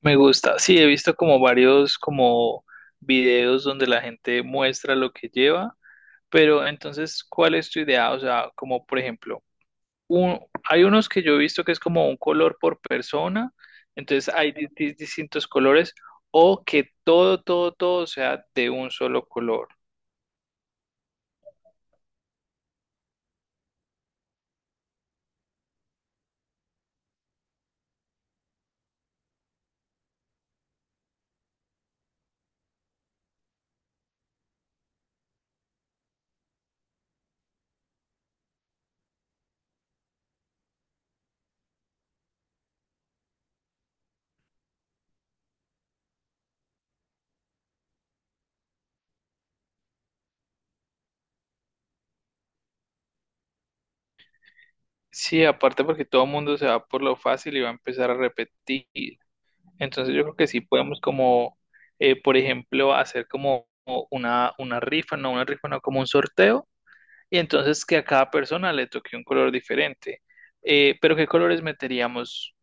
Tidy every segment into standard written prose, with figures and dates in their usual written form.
Me gusta, sí, he visto como varios como videos donde la gente muestra lo que lleva, pero entonces, ¿cuál es tu idea? O sea, como por ejemplo, un- hay unos que yo he visto que es como un color por persona, entonces hay distintos colores, o que todo sea de un solo color. Sí, aparte porque todo el mundo se va por lo fácil y va a empezar a repetir. Entonces yo creo que sí podemos como, por ejemplo, hacer como una rifa, no como un sorteo, y entonces que a cada persona le toque un color diferente. Pero ¿qué colores meteríamos?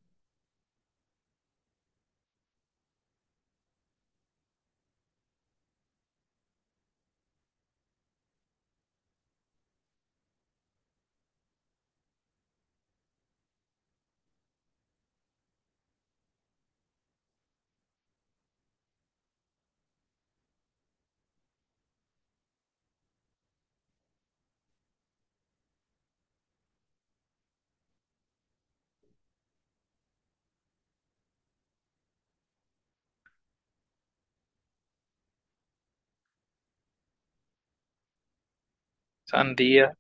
Sandía,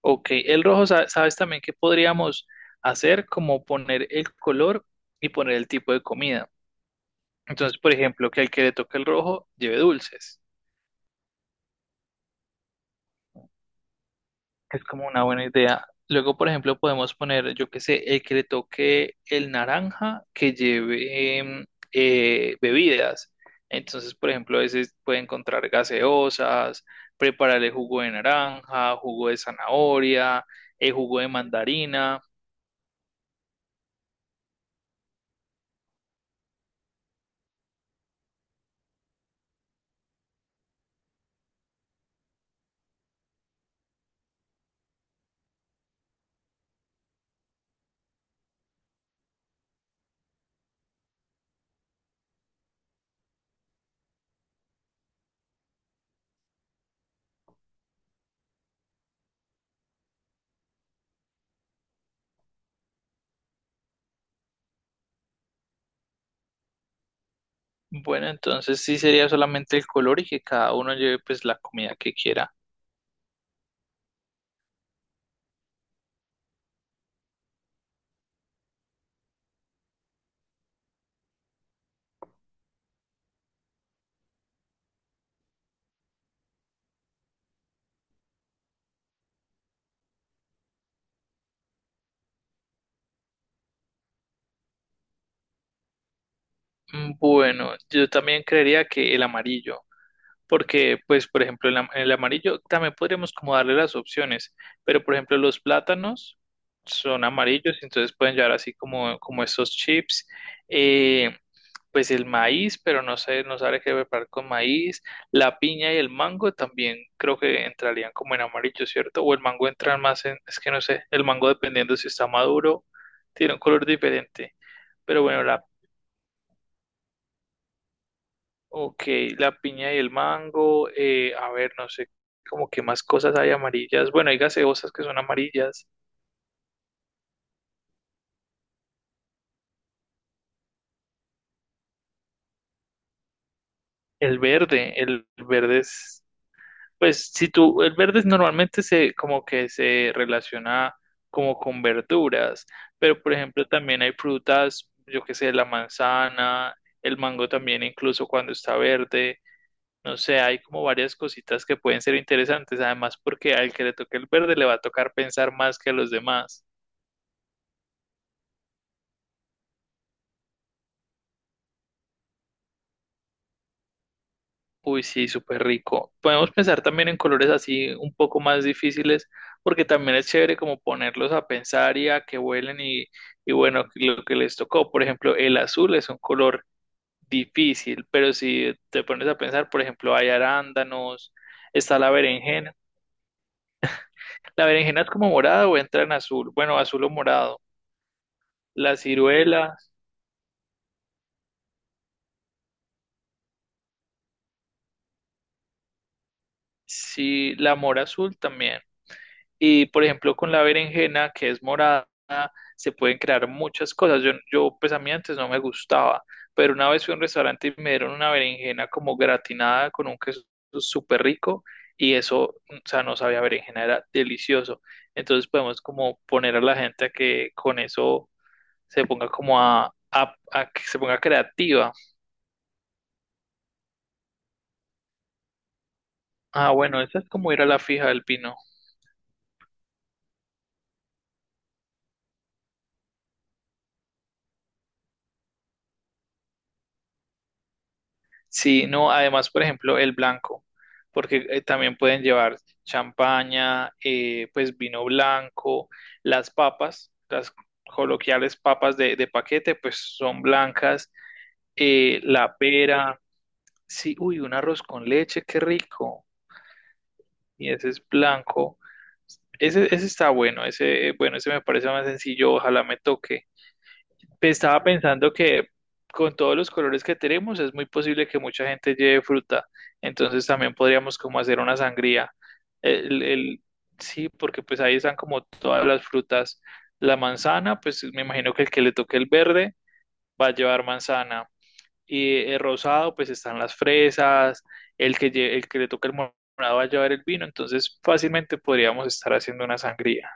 ok. El rojo, ¿sabes también qué podríamos hacer? Como poner el color y poner el tipo de comida. Entonces, por ejemplo, que al que le toque el rojo lleve dulces. Es como una buena idea. Luego, por ejemplo, podemos poner, yo qué sé, el que le toque el naranja que lleve bebidas. Entonces, por ejemplo, a veces puede encontrar gaseosas, prepararle jugo de naranja, jugo de zanahoria, el jugo de mandarina. Bueno, entonces sí sería solamente el color y que cada uno lleve pues la comida que quiera. Mm, bueno, yo también creería que el amarillo. Porque, pues, por ejemplo, el amarillo también podríamos como darle las opciones, pero por ejemplo, los plátanos son amarillos, entonces pueden llevar así como, como estos chips. Eh, pues el maíz, pero no sé, no sabe qué preparar con maíz. La piña y el mango también creo que entrarían como en amarillo, ¿cierto? O el mango entra más en, es que no sé, el mango dependiendo si está maduro, tiene un color diferente. Pero bueno, la Ok, la piña y el mango. A ver, no sé, como que más cosas hay amarillas. Bueno, hay gaseosas que son amarillas. El verde es, pues si tú, el verde es normalmente se, como que se relaciona como con verduras, pero por ejemplo también hay frutas, yo qué sé, la manzana, el mango también incluso cuando está verde. No sé, hay como varias cositas que pueden ser interesantes, además porque al que le toque el verde le va a tocar pensar más que a los demás. Uy, sí, súper rico. Podemos pensar también en colores así un poco más difíciles, porque también es chévere como ponerlos a pensar y a que vuelen y bueno, lo que les tocó. Por ejemplo, el azul es un color difícil, pero si te pones a pensar, por ejemplo, hay arándanos, está la berenjena. La berenjena es como morada o entra en azul, bueno, azul o morado. La ciruela, sí, la mora azul también. Y por ejemplo, con la berenjena, que es morada, se pueden crear muchas cosas. Pues a mí antes no me gustaba, pero una vez fui a un restaurante y me dieron una berenjena como gratinada con un queso súper rico y eso, o sea, no sabía a berenjena, era delicioso. Entonces podemos como poner a la gente a que con eso se ponga como a que se ponga creativa. Ah, bueno, eso es como ir a la fija del pino. Sí, no, además, por ejemplo, el blanco, porque también pueden llevar champaña, pues vino blanco, las coloquiales papas de paquete, pues son blancas, la pera, sí, uy, un arroz con leche, qué rico, y ese es blanco, ese está bueno, bueno, ese me parece más sencillo, ojalá me toque. Pues, estaba pensando que con todos los colores que tenemos es muy posible que mucha gente lleve fruta. Entonces también podríamos como hacer una sangría. El, el- sí, porque pues ahí están como todas las frutas. La manzana, pues me imagino que el que le toque el verde va a llevar manzana. Y el rosado, pues están las fresas. El que le toque el morado va a llevar el vino. Entonces fácilmente podríamos estar haciendo una sangría.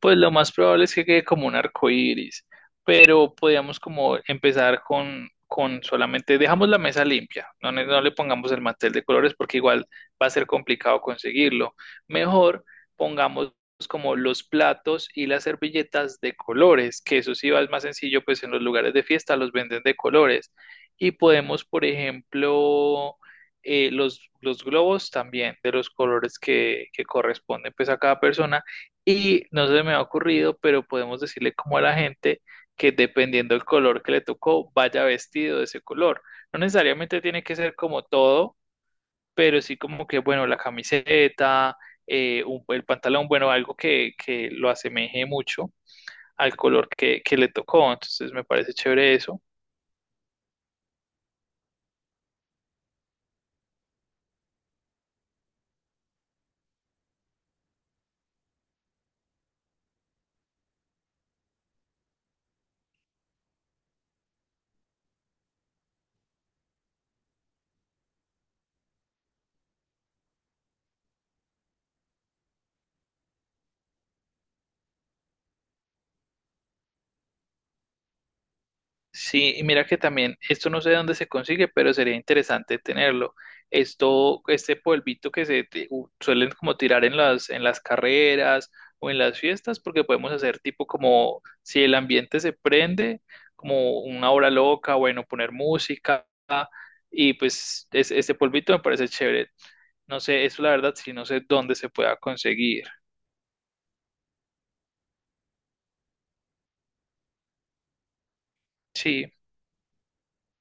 Pues lo más probable es que quede como un arco iris, pero podríamos como empezar con solamente, dejamos la mesa limpia, no, no le pongamos el mantel de colores porque igual va a ser complicado conseguirlo. Mejor pongamos como los platos y las servilletas de colores, que eso sí va es más sencillo, pues en los lugares de fiesta los venden de colores. Y podemos, por ejemplo, los globos también, de los colores que corresponden pues a cada persona y no se me ha ocurrido, pero podemos decirle como a la gente que dependiendo del color que le tocó, vaya vestido de ese color. No necesariamente tiene que ser como todo, pero sí como que, bueno, la camiseta, el pantalón, bueno, algo que lo asemeje mucho al color que le tocó. Entonces me parece chévere eso. Sí, y mira que también, esto no sé de dónde se consigue, pero sería interesante tenerlo. Esto, este polvito que suelen como tirar en las carreras o en las fiestas, porque podemos hacer tipo como si el ambiente se prende, como una hora loca, bueno, poner música, y pues ese polvito me parece chévere. No sé, eso la verdad, sí, no sé dónde se pueda conseguir. Sí.